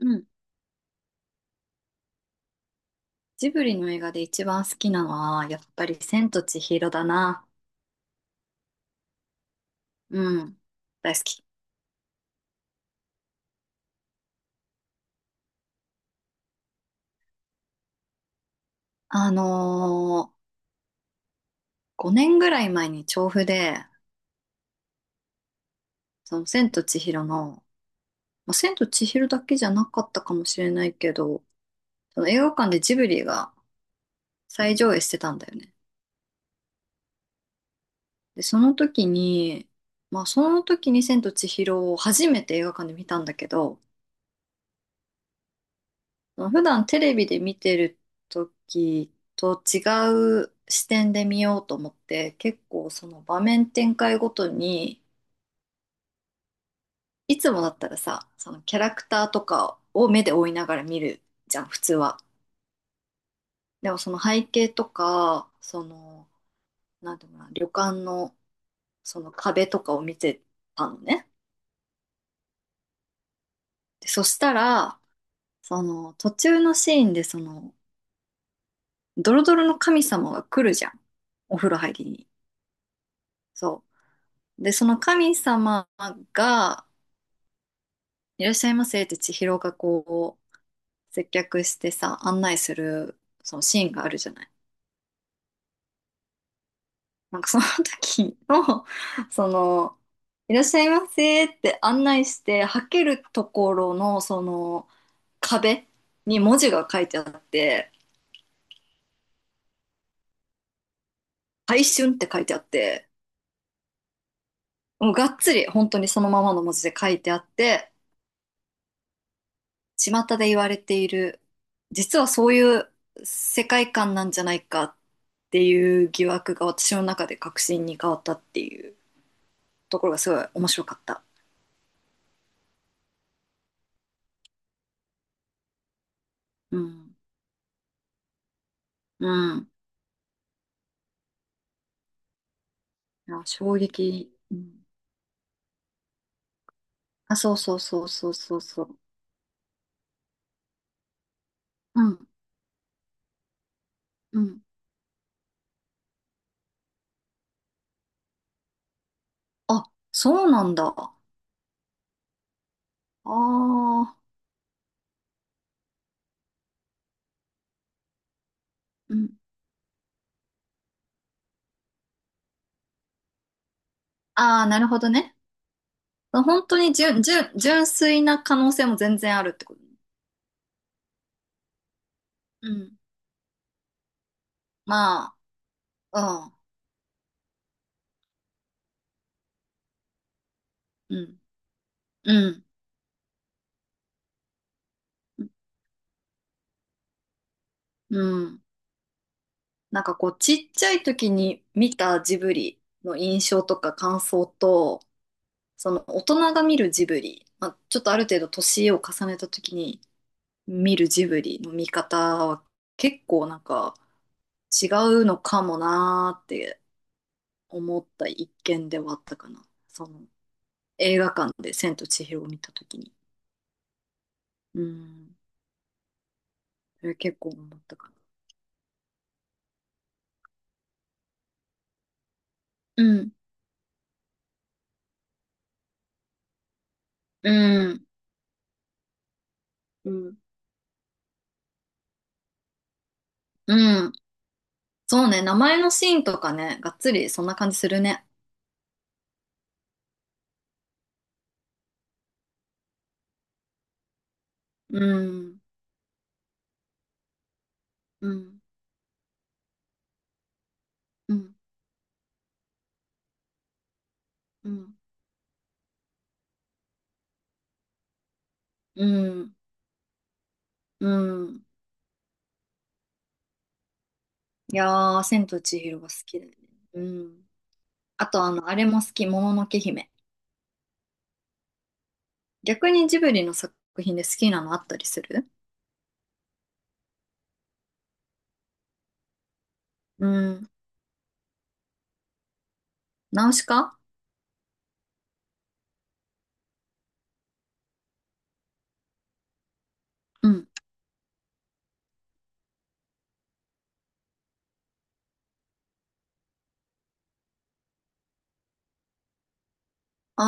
うん。ジブリの映画で一番好きなのは、やっぱり千と千尋だな。うん。大好き。あのー、5年ぐらい前に調布で、その千と千尋の、まあ、千と千尋だけじゃなかったかもしれないけど、その映画館でジブリが再上映してたんだよね。で、その時に、まあその時に千と千尋を初めて映画館で見たんだけど、普段テレビで見てる時と違う視点で見ようと思って、結構その場面展開ごとに、いつもだったらさ、そのキャラクターとかを目で追いながら見るじゃん、普通は。でもその背景とか、その、なんていうのかな、旅館のその壁とかを見てたのね。で、そしたらその途中のシーンで、そのドロドロの神様が来るじゃん、お風呂入りに。そう。で、その神様が、いらっしゃいませって千尋がこう、接客してさ、案内する、そのシーンがあるじゃない。なんかその時の、その、いらっしゃいませって案内して、はけるところの、その、壁に文字が書いてあって、回春って書いてあって、もうがっつり本当にそのままの文字で書いてあって、巷で言われている、実はそういう世界観なんじゃないかっていう疑惑が私の中で確信に変わったっていうところがすごい面白かった。うん。うん。いや、衝撃。うん。あ、そうそうそうそうそうそう。うん。うん。あ、そうなんだ。ああ。うん。ああ、なるほどね。本当に純粋な可能性も全然あるってことね。うん。まあ、うん。うん。うん。うん。なんかこう、ちっちゃい時に見たジブリの印象とか感想と、その大人が見るジブリ、まあ、ちょっとある程度年を重ねた時に見るジブリの見方は結構なんか違うのかもなーって思った一見ではあったかな。その映画館で千と千尋を見た時に。うん。それ結構思ったかな。うん。うん。うん。うん。そうね。名前のシーンとかね、がっつりそんな感じするね。うん、うん、うん、うん、うん、うん。いやー、千と千尋が好きだよね。うん。あと、あれも好き、もののけ姫。逆にジブリの作品で好きなのあったりする？うん。ナウシカ。うん。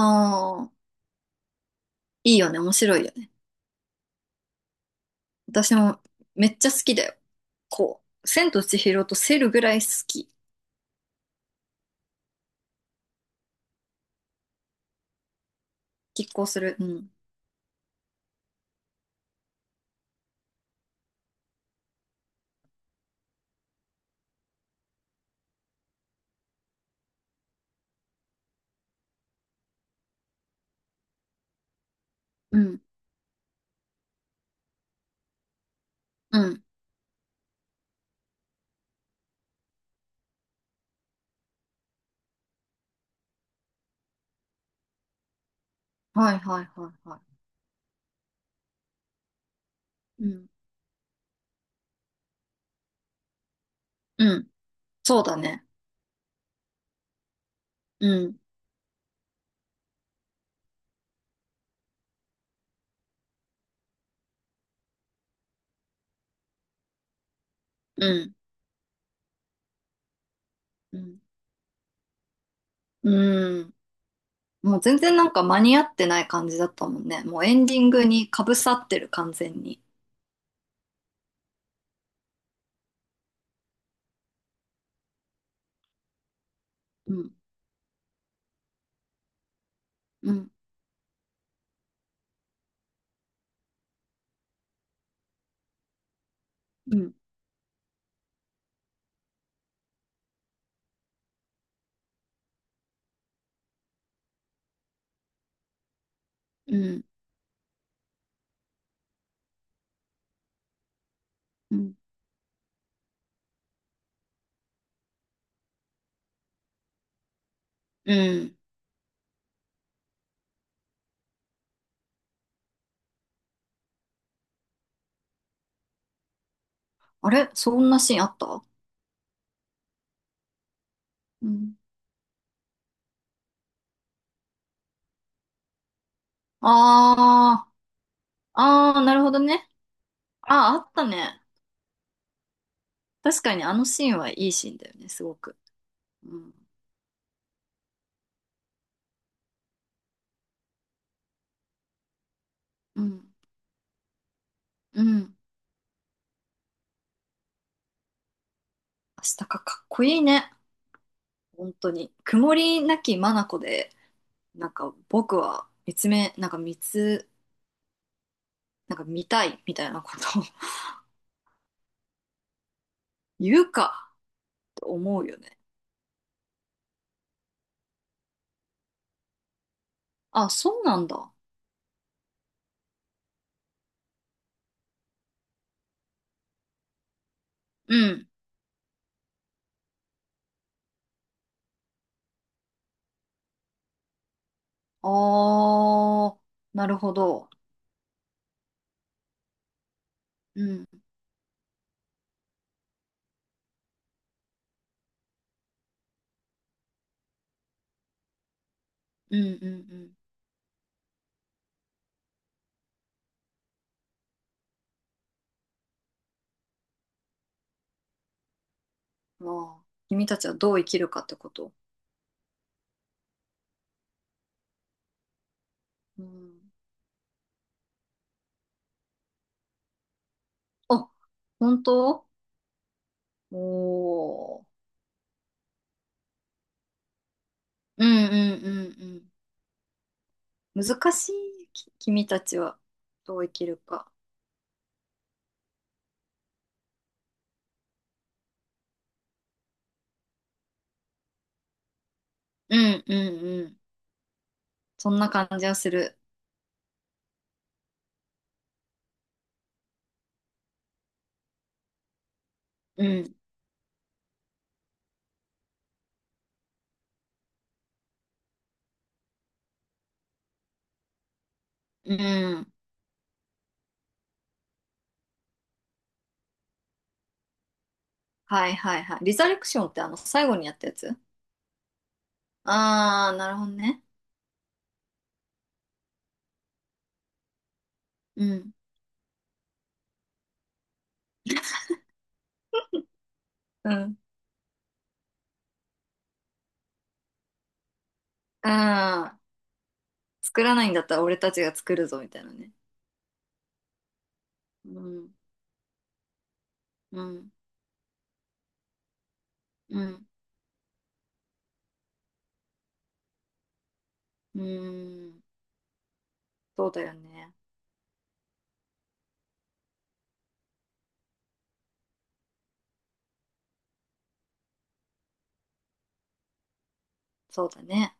ああ、いいよね、面白いよね。私もめっちゃ好きだよ。こう、千と千尋とセルぐらい好き。拮抗する。うん。うん。うん。はいはいはいはい。うん。うん。そうだね。うん。うん。うんうん。もう全然なんか間に合ってない感じだったもんね。もうエンディングにかぶさってる、完全に。うん、うん、うん、うん、うん。うん。あれそんなシーンあった？うん。あー、あー、なるほどね。あー、あったね。確かにあのシーンはいいシーンだよね、すごく。うん、うん、うん。明日かかっこいいね。本当に。曇りなき眼で、なんか僕は見つめ、なんか見つ、なんか見たいみたいなことを言うかと思うよね。あ、そうなんだ。うん。あー、なるほど。うん、うん、うん、うん。ああ、君たちはどう生きるかってこと？うん。あ、本当？おー。うん、うん、うん、うん。難しい。君たちはどう生きるか。うん、うん、うん。そんな感じはする。うん、うん。はいはいはい。リザレクションって最後にやったやつ？ああー、なるほどね。うん。うん。ああ、作らないんだったら俺たちが作るぞみたいなね。うん、うん、うん、うん、そうだよね。そうだね。